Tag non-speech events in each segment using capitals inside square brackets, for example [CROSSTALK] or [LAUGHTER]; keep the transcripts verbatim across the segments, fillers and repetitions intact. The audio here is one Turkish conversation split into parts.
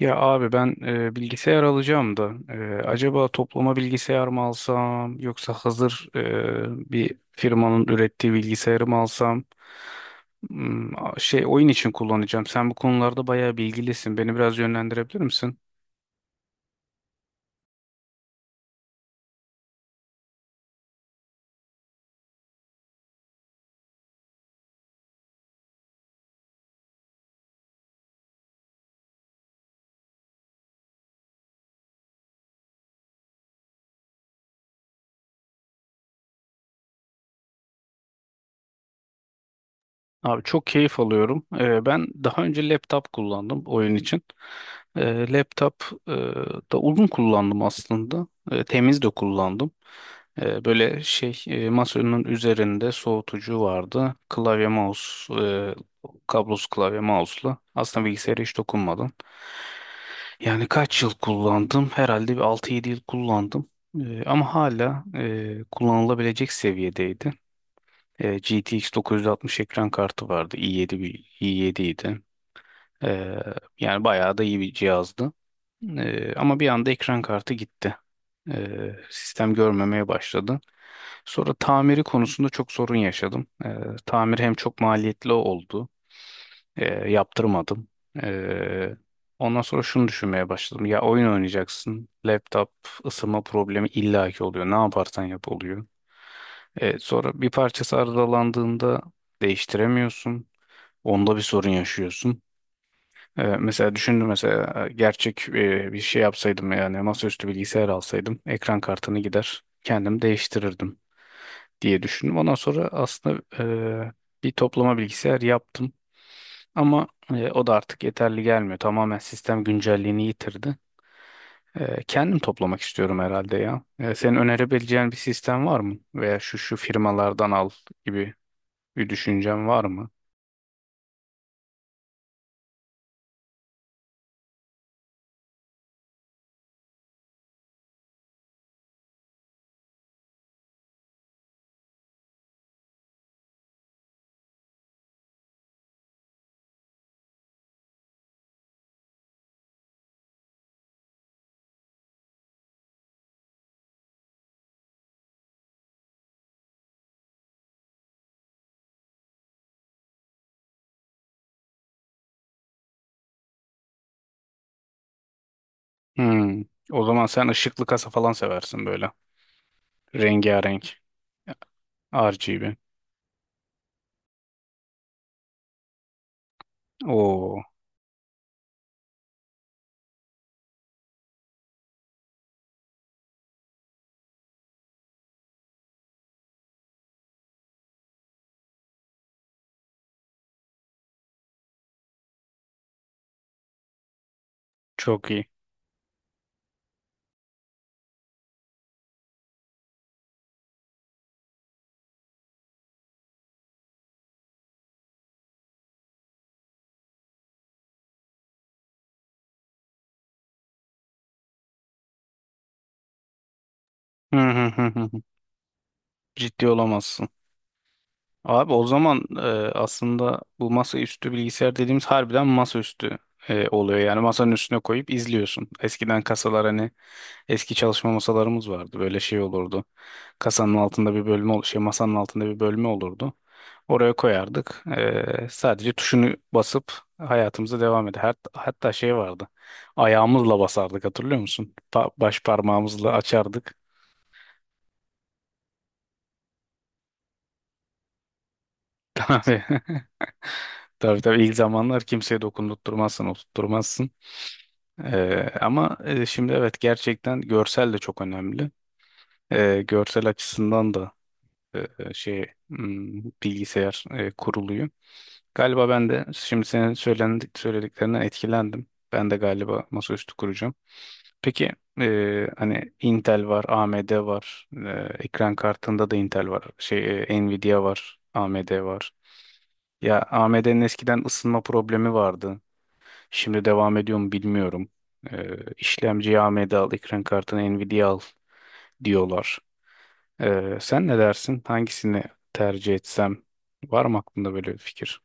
Ya abi ben e, bilgisayar alacağım da e, acaba toplama bilgisayar mı alsam yoksa hazır e, bir firmanın ürettiği bilgisayarı mı alsam. Hmm, a- şey oyun için kullanacağım. Sen bu konularda bayağı bilgilisin. Beni biraz yönlendirebilir misin? Abi çok keyif alıyorum. Ee, ben daha önce laptop kullandım oyun için. Ee, laptop e, da uzun kullandım aslında. Ee, temiz de kullandım. Ee, böyle şey e, masanın üzerinde soğutucu vardı. Klavye mouse, e, kablosuz klavye mouse'la. Aslında bilgisayara hiç dokunmadım. Yani kaç yıl kullandım? Herhalde bir altı yedi yıl kullandım. Ee, ama hala e, kullanılabilecek seviyedeydi. E, G T X dokuz yüz altmış ekran kartı vardı. i yedi bir i yedi idi. E, yani bayağı da iyi bir cihazdı. E, ama bir anda ekran kartı gitti. E, sistem görmemeye başladı. Sonra tamiri konusunda çok sorun yaşadım. E, tamir hem çok maliyetli oldu. E, yaptırmadım. E, ondan sonra şunu düşünmeye başladım. Ya oyun oynayacaksın. Laptop ısınma problemi illaki oluyor. Ne yaparsan yap oluyor. E, sonra bir parçası arızalandığında değiştiremiyorsun. Onda bir sorun yaşıyorsun. E, mesela düşündüm mesela gerçek e, bir şey yapsaydım yani masaüstü bilgisayar alsaydım ekran kartını gider kendim değiştirirdim diye düşündüm. Ondan sonra aslında e, bir toplama bilgisayar yaptım. Ama e, o da artık yeterli gelmiyor. Tamamen sistem güncelliğini yitirdi. E, kendim toplamak istiyorum herhalde ya. E, senin önerebileceğin bir sistem var mı? Veya şu şu firmalardan al gibi bir düşüncen var mı? Hmm. O zaman sen ışıklı kasa falan seversin böyle. Rengarenk, R G B. Oo, çok iyi. Hı hı hı hı. Ciddi olamazsın. Abi o zaman e, aslında bu masaüstü bilgisayar dediğimiz harbiden masaüstü e, oluyor. Yani masanın üstüne koyup izliyorsun. Eskiden kasalar hani eski çalışma masalarımız vardı. Böyle şey olurdu. Kasanın altında bir bölme ol- şey masanın altında bir bölme olurdu. Oraya koyardık. E, sadece tuşunu basıp hayatımıza devam eder. Hat- hatta şey vardı. Ayağımızla basardık, hatırlıyor musun? Pa- baş parmağımızla açardık. [LAUGHS] Tabii. [LAUGHS] Tabii, tabii, ilk zamanlar kimseye dokundurtmazsın, oturtturmazsın. Ee, ama e, şimdi, evet, gerçekten görsel de çok önemli. Ee, görsel açısından da e, e, şey hmm, bilgisayar e, kuruluyor. Galiba ben de şimdi senin söylendik, söylediklerinden etkilendim. Ben de galiba masaüstü kuracağım. Peki e, hani Intel var, A M D var, e, ekran kartında da Intel var, şey e, Nvidia var, A M D var. Ya A M D'nin eskiden ısınma problemi vardı. Şimdi devam ediyor mu bilmiyorum. Ee, işlemciyi A M D al, ekran kartını Nvidia al diyorlar. Ee, sen ne dersin? Hangisini tercih etsem? Var mı aklında böyle bir fikir?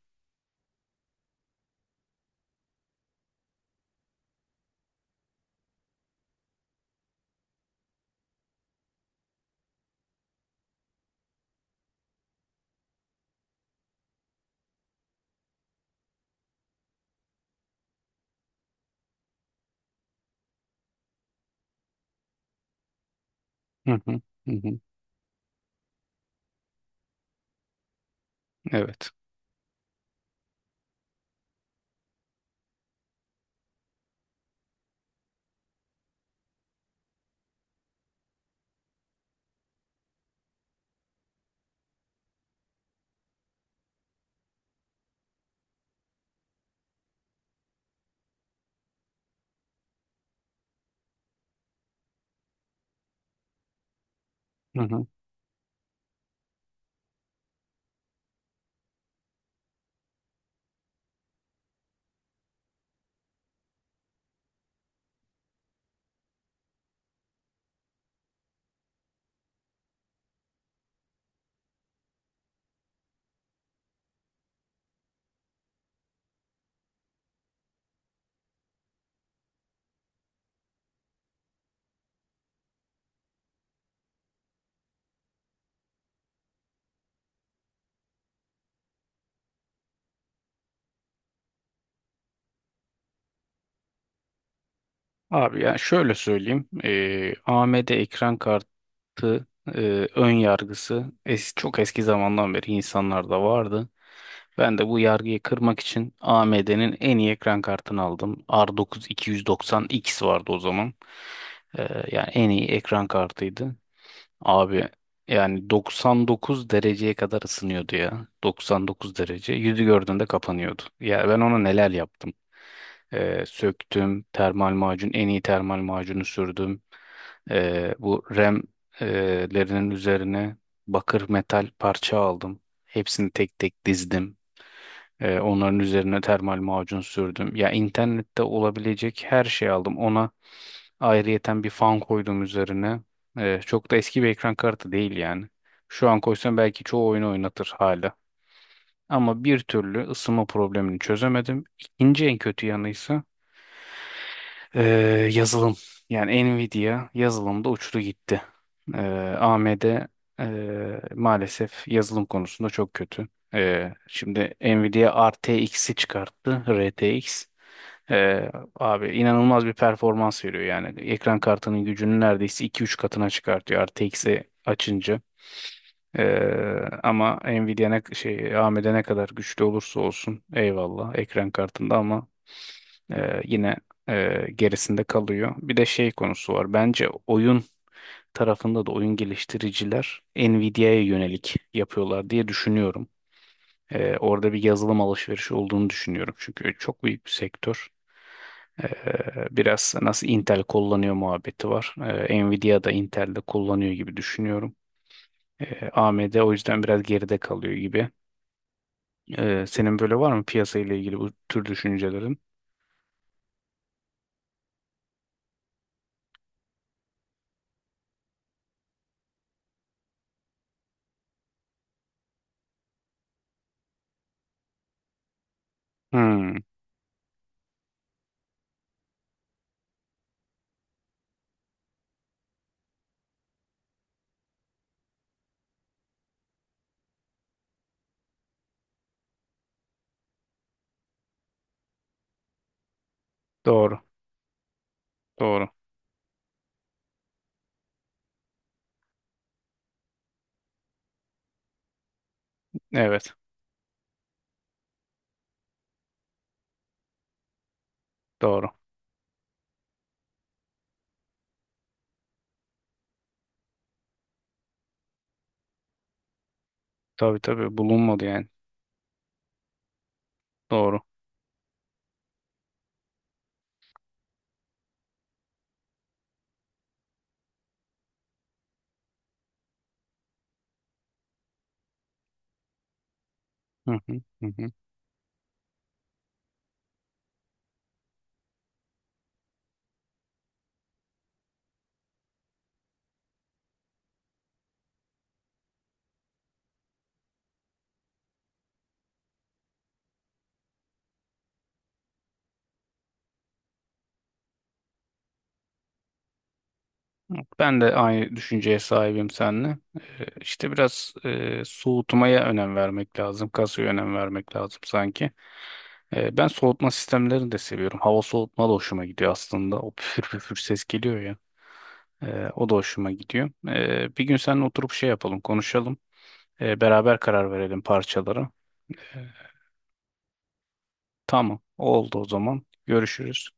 Hı hı, hı hı. Evet. Hı hı. Abi ya şöyle söyleyeyim. Ee, A M D ekran kartı e, ön yargısı es- çok eski zamandan beri insanlarda vardı. Ben de bu yargıyı kırmak için A M D'nin en iyi ekran kartını aldım. R dokuz iki yüz doksan X vardı o zaman. Ee, yani en iyi ekran kartıydı. Abi yani doksan dokuz dereceye kadar ısınıyordu ya. doksan dokuz derece. Yüzü gördüğünde kapanıyordu. Ya ben ona neler yaptım. Ee, söktüm. Termal macun. En iyi termal macunu sürdüm. Ee, bu ramlerinin üzerine bakır metal parça aldım. Hepsini tek tek dizdim. Ee, onların üzerine termal macun sürdüm. Ya internette olabilecek her şeyi aldım. Ona ayrıyeten bir fan koydum üzerine. Ee, çok da eski bir ekran kartı değil yani. Şu an koysam belki çoğu oyunu oynatır hala. Ama bir türlü ısınma problemini çözemedim. İkinci en kötü yanıysa ee, yazılım, yani Nvidia yazılımda uçtu gitti. Ee, A M D ee, maalesef yazılım konusunda çok kötü. Ee, şimdi Nvidia R T X'i çıkarttı, R T X. Ee, abi inanılmaz bir performans veriyor, yani ekran kartının gücünü neredeyse iki üç katına çıkartıyor R T X'i açınca. Ee, ama Nvidia ne, şey A M D ne kadar güçlü olursa olsun, eyvallah, ekran kartında ama ee, yine e, gerisinde kalıyor. Bir de şey konusu var. Bence oyun tarafında da oyun geliştiriciler Nvidia'ya yönelik yapıyorlar diye düşünüyorum. Ee, orada bir yazılım alışverişi olduğunu düşünüyorum. Çünkü çok büyük bir sektör. Ee, biraz nasıl Intel kullanıyor muhabbeti var. Ee, Nvidia da Intel'de kullanıyor gibi düşünüyorum. Ee, A M D o yüzden biraz geride kalıyor gibi. Ee, senin böyle var mı piyasa ile ilgili bu tür düşüncelerin? Hmm, doğru, doğru. Evet, doğru. Tabii, tabii, bulunmadı yani. Doğru. Hı hı, hı hı. Ben de aynı düşünceye sahibim seninle. Ee, işte biraz e, soğutmaya önem vermek lazım. Kasaya önem vermek lazım sanki. Ee, ben soğutma sistemlerini de seviyorum. Hava soğutma da hoşuma gidiyor aslında. O püfür püfür ses geliyor ya. Ee, o da hoşuma gidiyor. Ee, bir gün seninle oturup şey yapalım, konuşalım. Ee, beraber karar verelim parçalara. Ee, tamam, oldu o zaman. Görüşürüz.